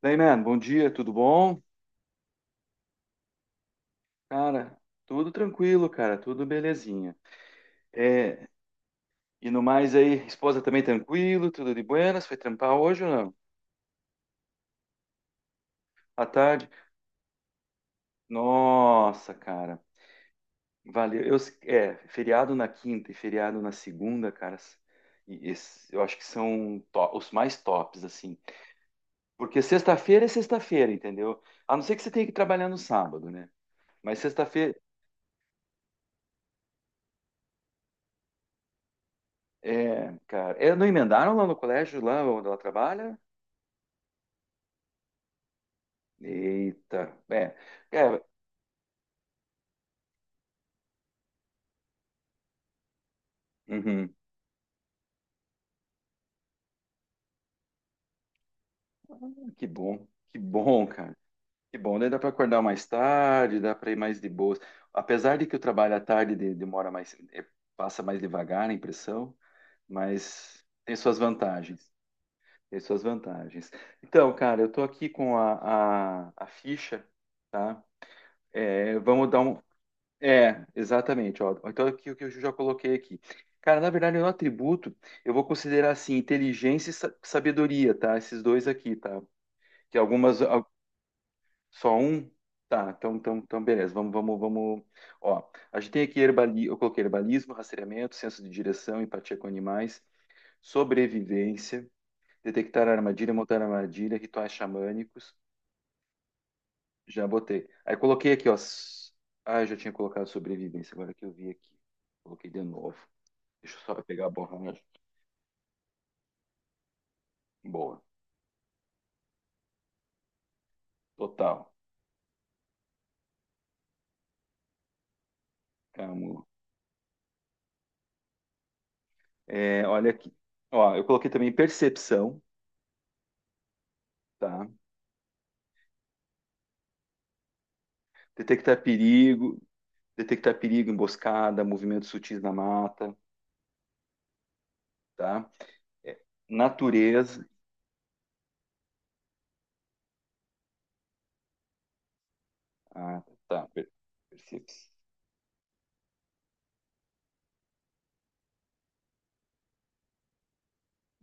Daí, man, bom dia, tudo bom? Cara, tudo tranquilo, cara, tudo belezinha. É, e no mais aí, esposa também tranquilo, tudo de buenas, foi trampar hoje ou não? À tarde? Nossa, cara, valeu. Feriado na quinta e feriado na segunda, cara, e eu acho que são os mais tops, assim. Porque sexta-feira é sexta-feira, entendeu? A não ser que você tenha que trabalhar no sábado, né? Mas sexta-feira, cara, não emendaram lá no colégio, lá onde ela trabalha? Eita, é, cara, uhum. Que bom, que bom, cara, que bom, daí dá para acordar mais tarde, dá para ir mais de boas, apesar de que o trabalho à tarde demora mais, é, passa mais devagar a impressão, mas tem suas vantagens, tem suas vantagens. Então, cara, eu tô aqui com a ficha, tá? É, vamos dar um, é, exatamente. Ó. Então, aqui o que eu já coloquei aqui. Cara, na verdade, no atributo, eu vou considerar assim, inteligência e sabedoria, tá? Esses dois aqui, tá? Que algumas. Só um. Tá, então, então, então beleza. Vamos, vamos, vamos. Ó, a gente tem aqui eu coloquei herbalismo, rastreamento, senso de direção, empatia com animais, sobrevivência, detectar armadilha, montar armadilha, rituais xamânicos. Já botei. Aí coloquei aqui, ó. Ah, eu já tinha colocado sobrevivência, agora que eu vi aqui. Coloquei de novo. Deixa eu só pegar a borracha. Boa. Total. Calma. É, olha aqui. Ó, eu coloquei também percepção, tá? Detectar perigo, detectar perigo, emboscada, movimentos sutis na mata, tá? É, natureza. Ah, tá. Percepção.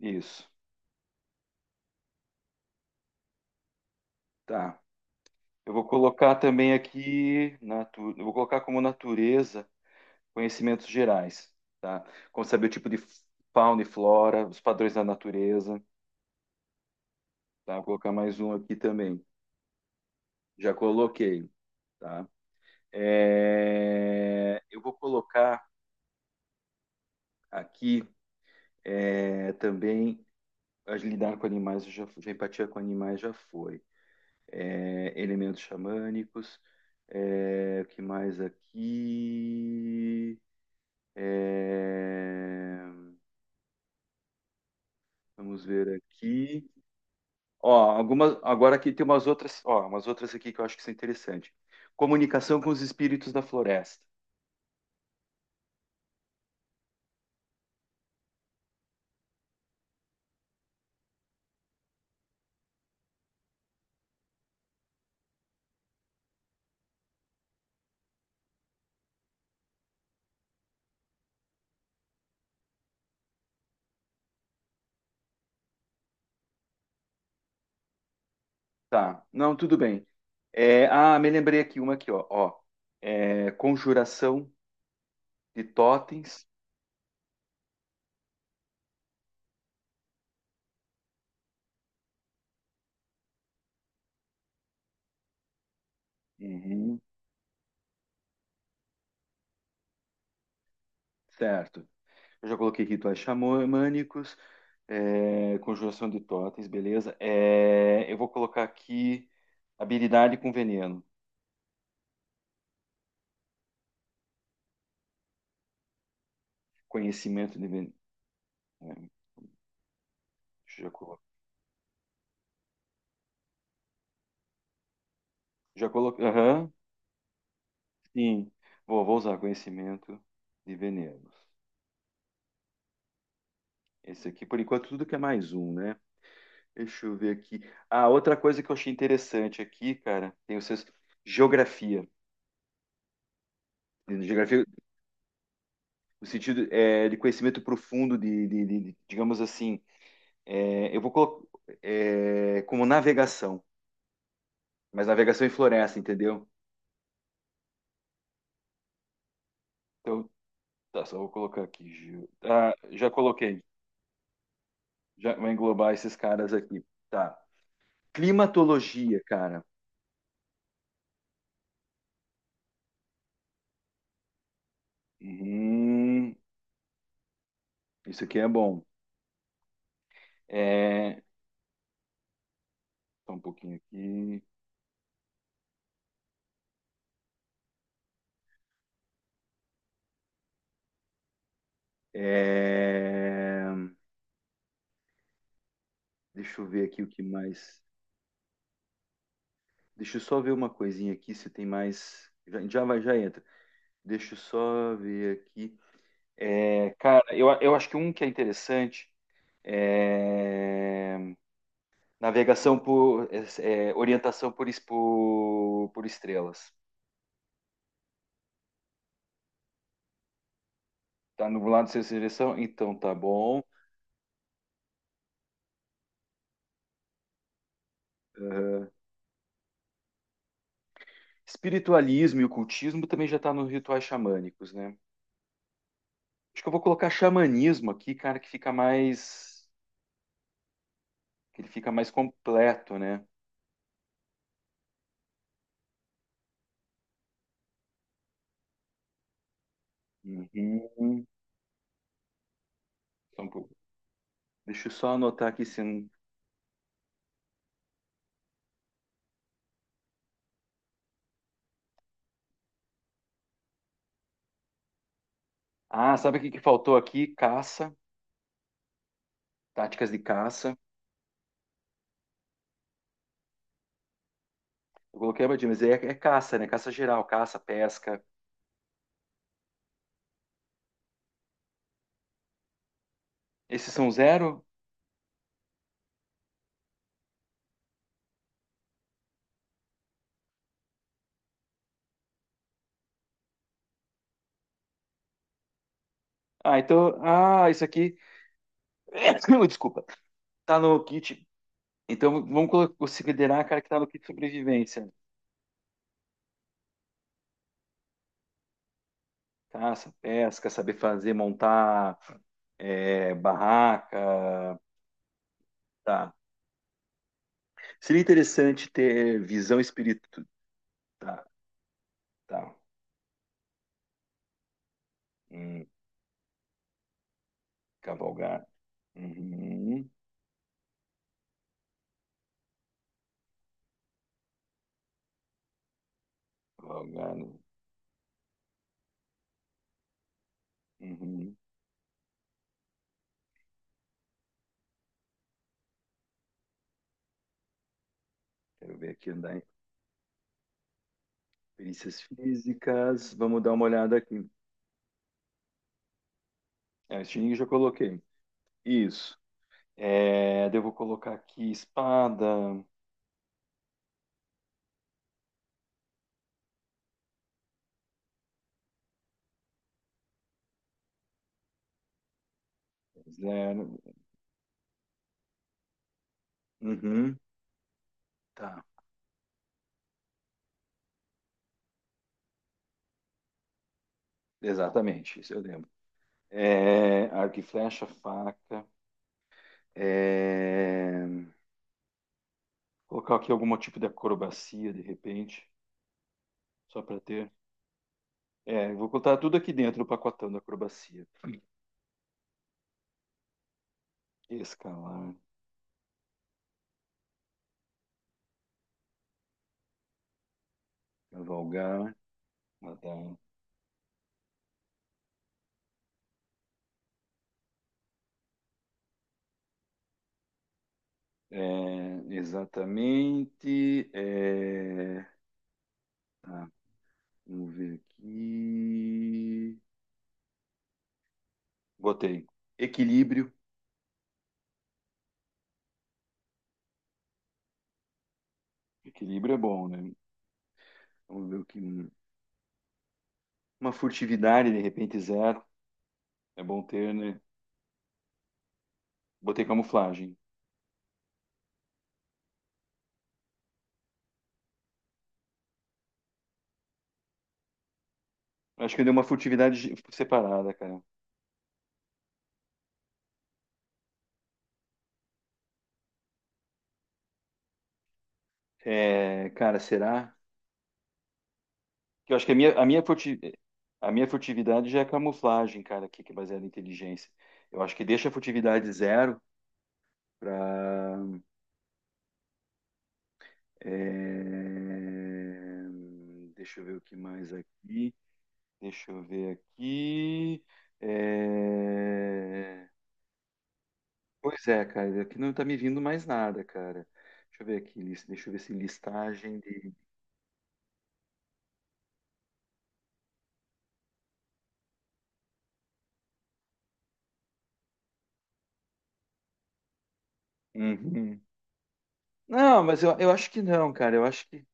Isso. Tá. Eu vou colocar também aqui, eu vou colocar como natureza conhecimentos gerais, tá? Como saber o tipo de fauna e flora, os padrões da natureza, tá? Vou colocar mais um aqui também. Já coloquei, tá? Eu vou colocar aqui também lidar com animais, já empatia com animais já foi. É, elementos xamânicos, é, o que mais aqui? É, vamos ver aqui. Ó, algumas, agora aqui tem umas outras, ó, umas outras aqui que eu acho que são interessantes. Comunicação com os espíritos da floresta. Tá, não, tudo bem. Me lembrei aqui uma aqui, ó. Ó. É, conjuração de totens. Uhum, certo. Eu já coloquei rituais xamânicos, é, conjuração de totens, beleza. É, eu vou colocar aqui habilidade com veneno, conhecimento de veneno. É, deixa eu já coloquei. Já coloquei. Aham, sim. Vou, vou usar conhecimento de venenos. Esse aqui, por enquanto, tudo que é mais um, né? Deixa eu ver aqui. Ah, outra coisa que eu achei interessante aqui, cara, tem o senso geografia. Geografia, no sentido de conhecimento profundo digamos assim, é, eu vou colocar é, como navegação, mas navegação em floresta, entendeu? Então, tá, só vou colocar aqui. Ah, já coloquei. Já vou englobar esses caras aqui. Tá. Climatologia, cara. Uhum, isso aqui é bom. É, só um pouquinho aqui. É, deixa eu ver aqui o que mais. Deixa eu só ver uma coisinha aqui se tem mais. Já, já vai, já entra. Deixa eu só ver aqui. É, cara, eu acho que um que é interessante é navegação por orientação por estrelas. Tá no lado sem direção? Então tá bom. Espiritualismo e ocultismo também já tá nos rituais xamânicos, né? Acho que eu vou colocar xamanismo aqui, cara, que fica mais que ele fica mais completo, né? Uhum. Só um pouco. Deixa eu só anotar aqui se. Não- Ah, sabe o que que faltou aqui? Caça, táticas de caça. Eu coloquei abadinha, mas é caça, né? Caça geral, caça, pesca. Esses são zero? Ah, então. Ah, isso aqui. Desculpa. Tá no kit. Então vamos considerar, cara, que tá no kit sobrevivência. Caça, pesca, saber fazer, montar barraca. Tá. Seria interessante ter visão espírito. Tá, tá. Hum, cavalgar. Uhum. Salgado. Uhum. Quero ver aqui andar em perícias físicas. Vamos dar uma olhada aqui. É, estilingue eu já coloquei. Isso. É, daí eu vou colocar aqui espada. Zero. Uhum. Tá. Exatamente. Isso eu lembro. É, arco e flecha, faca. É, colocar aqui algum tipo de acrobacia, de repente, só para ter. É, eu vou colocar tudo aqui dentro do pacotão da acrobacia. Escalar, cavalgar, nadar, é, exatamente. É, tá, vamos ver aqui. Botei. Equilíbrio. Equilíbrio é bom, né? Vamos ver o que. Um, Uma furtividade, de repente, zero. É bom ter, né? Botei camuflagem. Acho que eu dei uma furtividade separada, cara. É, cara, será? Que eu acho que a minha furtividade já é camuflagem, cara, aqui, que é baseada em inteligência. Eu acho que deixa a furtividade zero para é, deixa eu ver o que mais aqui. Deixa eu ver aqui. É, pois é, cara, aqui não tá me vindo mais nada, cara. Deixa eu ver se listagem de. Uhum. Não, mas eu acho que não, cara. Eu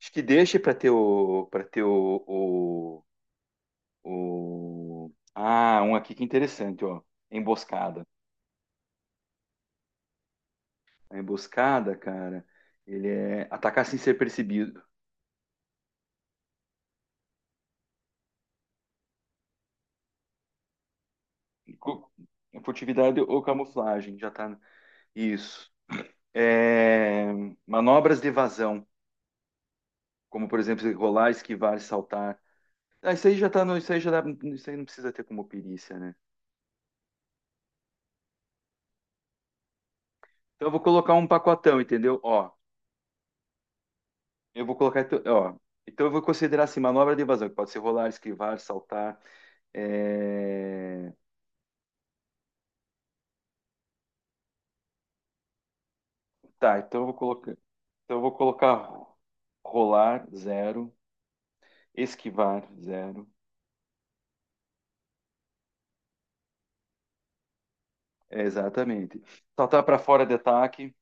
acho que deixa para ter o para ter ah, um aqui que é interessante, ó. Emboscada. A emboscada, cara, ele é atacar sem ser percebido, Cu- furtividade ou camuflagem, já tá. Isso. É, manobras de evasão, como por exemplo, rolar, esquivar, saltar. Ah, isso aí já tá no, isso aí não precisa ter como perícia, né? Então eu vou colocar um pacotão, entendeu? Ó, eu vou colocar, então- ó, então eu vou considerar assim, manobra de evasão, que pode ser rolar, esquivar, saltar. É, tá, então eu vou colocar rolar, zero, esquivar, zero, é, exatamente. Saltar para fora de ataque.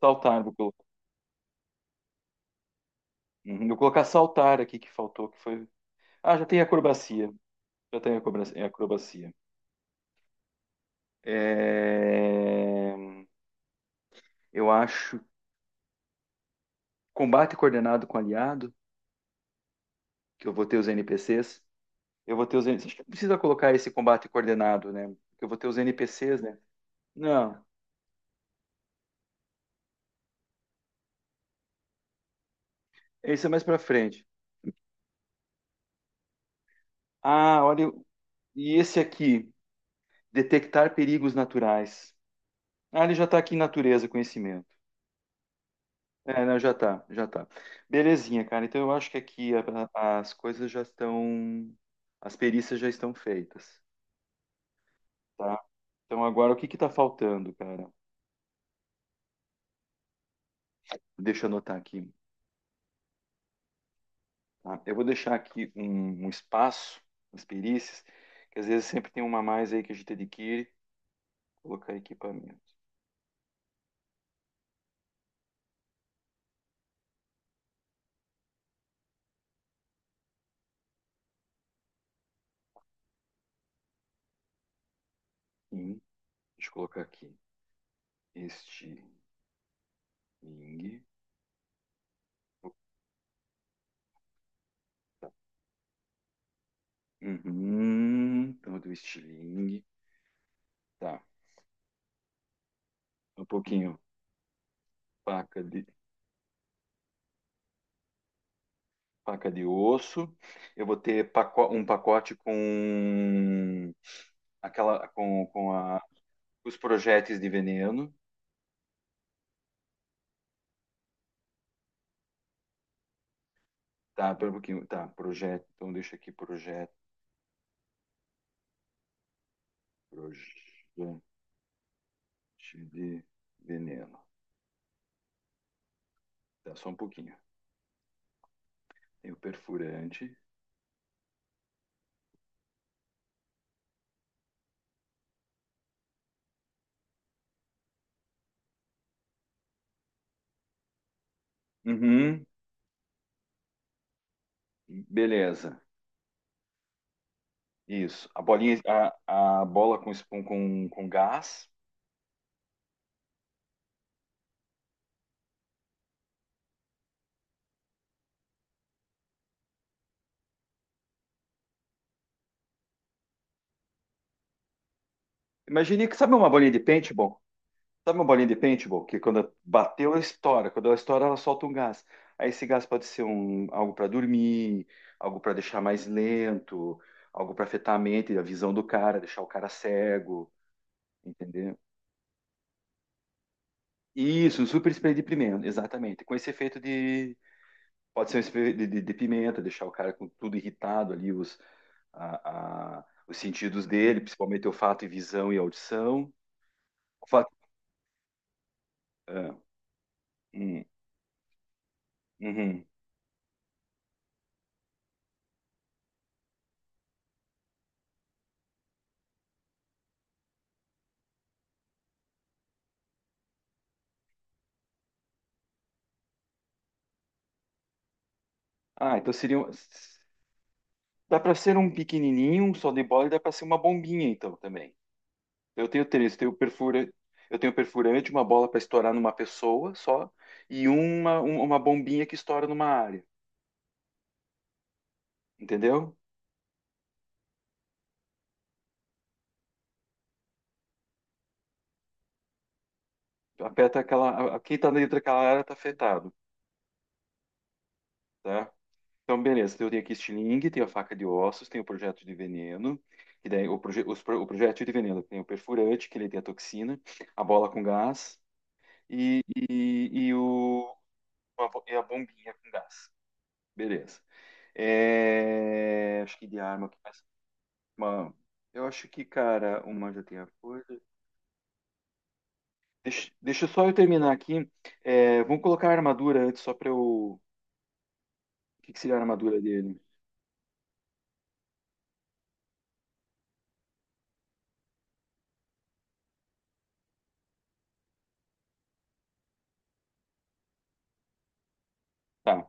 Saltar, vou colocar. Uhum, vou colocar saltar aqui que faltou, que foi. Ah, já tem acrobacia. Já tem acrobacia. É, eu acho combate coordenado com aliado, que eu vou ter os NPCs. Eu vou ter os NPCs. Acho que não precisa colocar esse combate coordenado, né? Porque eu vou ter os NPCs, né? Não, esse é mais para frente. Ah, olha, e esse aqui, detectar perigos naturais. Ah, ele já está aqui em natureza, conhecimento. É, não, já tá, já tá. Belezinha, cara. Então eu acho que as coisas já estão, as perícias já estão feitas, tá? Então agora o que que tá faltando, cara? Deixa eu anotar aqui, tá? Eu vou deixar aqui um espaço nas perícias, que às vezes sempre tem uma a mais aí que a gente adquire. Colocar equipamento. Sim, deixa eu colocar aqui. Estilingue. Opa. Uhum, então do estilingue. Tá, um pouquinho. Faca de Faca de osso. Eu vou ter um pacote com aquela com a- os projéteis de veneno. Tá, pera um pouquinho. Tá, projeto. Então deixa aqui projeto. Projete de veneno. Tá, só um pouquinho. Tem o perfurante. Uhum, beleza. Isso. A bola com gás. Imagine que sabe uma bolinha de paintball? Sabe uma bolinha de paintball que quando bateu, ela estoura. Quando ela estoura, ela solta um gás. Aí esse gás pode ser algo para dormir, algo para deixar mais lento, algo para afetar a mente, a visão do cara, deixar o cara cego, entendeu? Isso, um super spray de pimenta, exatamente. Com esse efeito de. Pode ser um spray de pimenta, deixar o cara com tudo irritado ali, os sentidos dele, principalmente olfato e visão e audição. Olfato- ah, hum, uhum. Ah, então seria. Dá para ser um pequenininho, um só de bola, e dá para ser uma bombinha, então, também. Eu tenho três, eu tenho perfurante, uma bola para estourar numa pessoa só, e uma bombinha que estoura numa área, entendeu? Quem tá dentro daquela área tá afetado, tá? Então, beleza, então eu tenho aqui estilingue, tenho a faca de ossos, tenho o projeto de veneno, que daí o projeto de veneno tem o perfurante, que ele tem a toxina, a bola com gás, e, e, e, o, e a bombinha com gás. Beleza. É, acho que de arma que mais. Mano, cara, uma já tem a coisa. Deixa, deixa só eu terminar aqui. É, vamos colocar a armadura antes, só pra eu. O que que seria a armadura dele? Tá.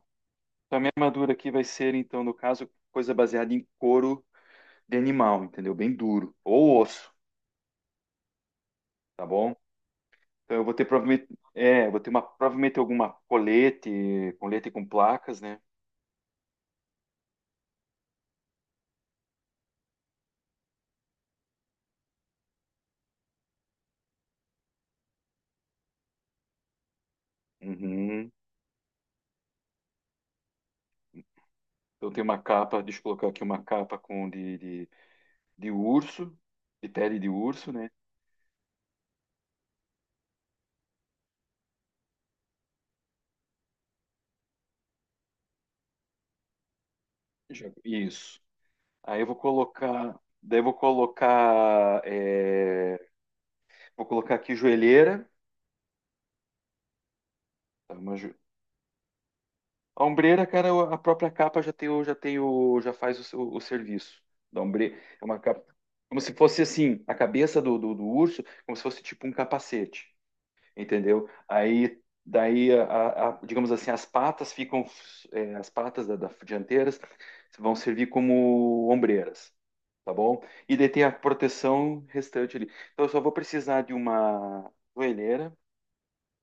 Então, a minha armadura aqui vai ser, então, no caso, coisa baseada em couro de animal, entendeu? Bem duro. Ou osso, tá bom? Então eu vou ter provavelmente. É, eu vou ter provavelmente alguma colete, colete com placas, né? Uhum. Então tem uma capa, deixa eu colocar aqui uma capa de urso, de pele de urso, né? Isso. Aí eu vou colocar, daí eu vou colocar, é, vou colocar aqui joelheira. Tá, uma jo- A ombreira, cara, a própria capa já faz o serviço da ombre, é uma capa, como se fosse assim, a cabeça do urso, como se fosse tipo um capacete, entendeu? Aí, daí, digamos assim, as patas ficam, é, as patas da dianteiras vão servir como ombreiras. Tá bom? E daí tem a proteção restante ali. Então eu só vou precisar de uma joelheira,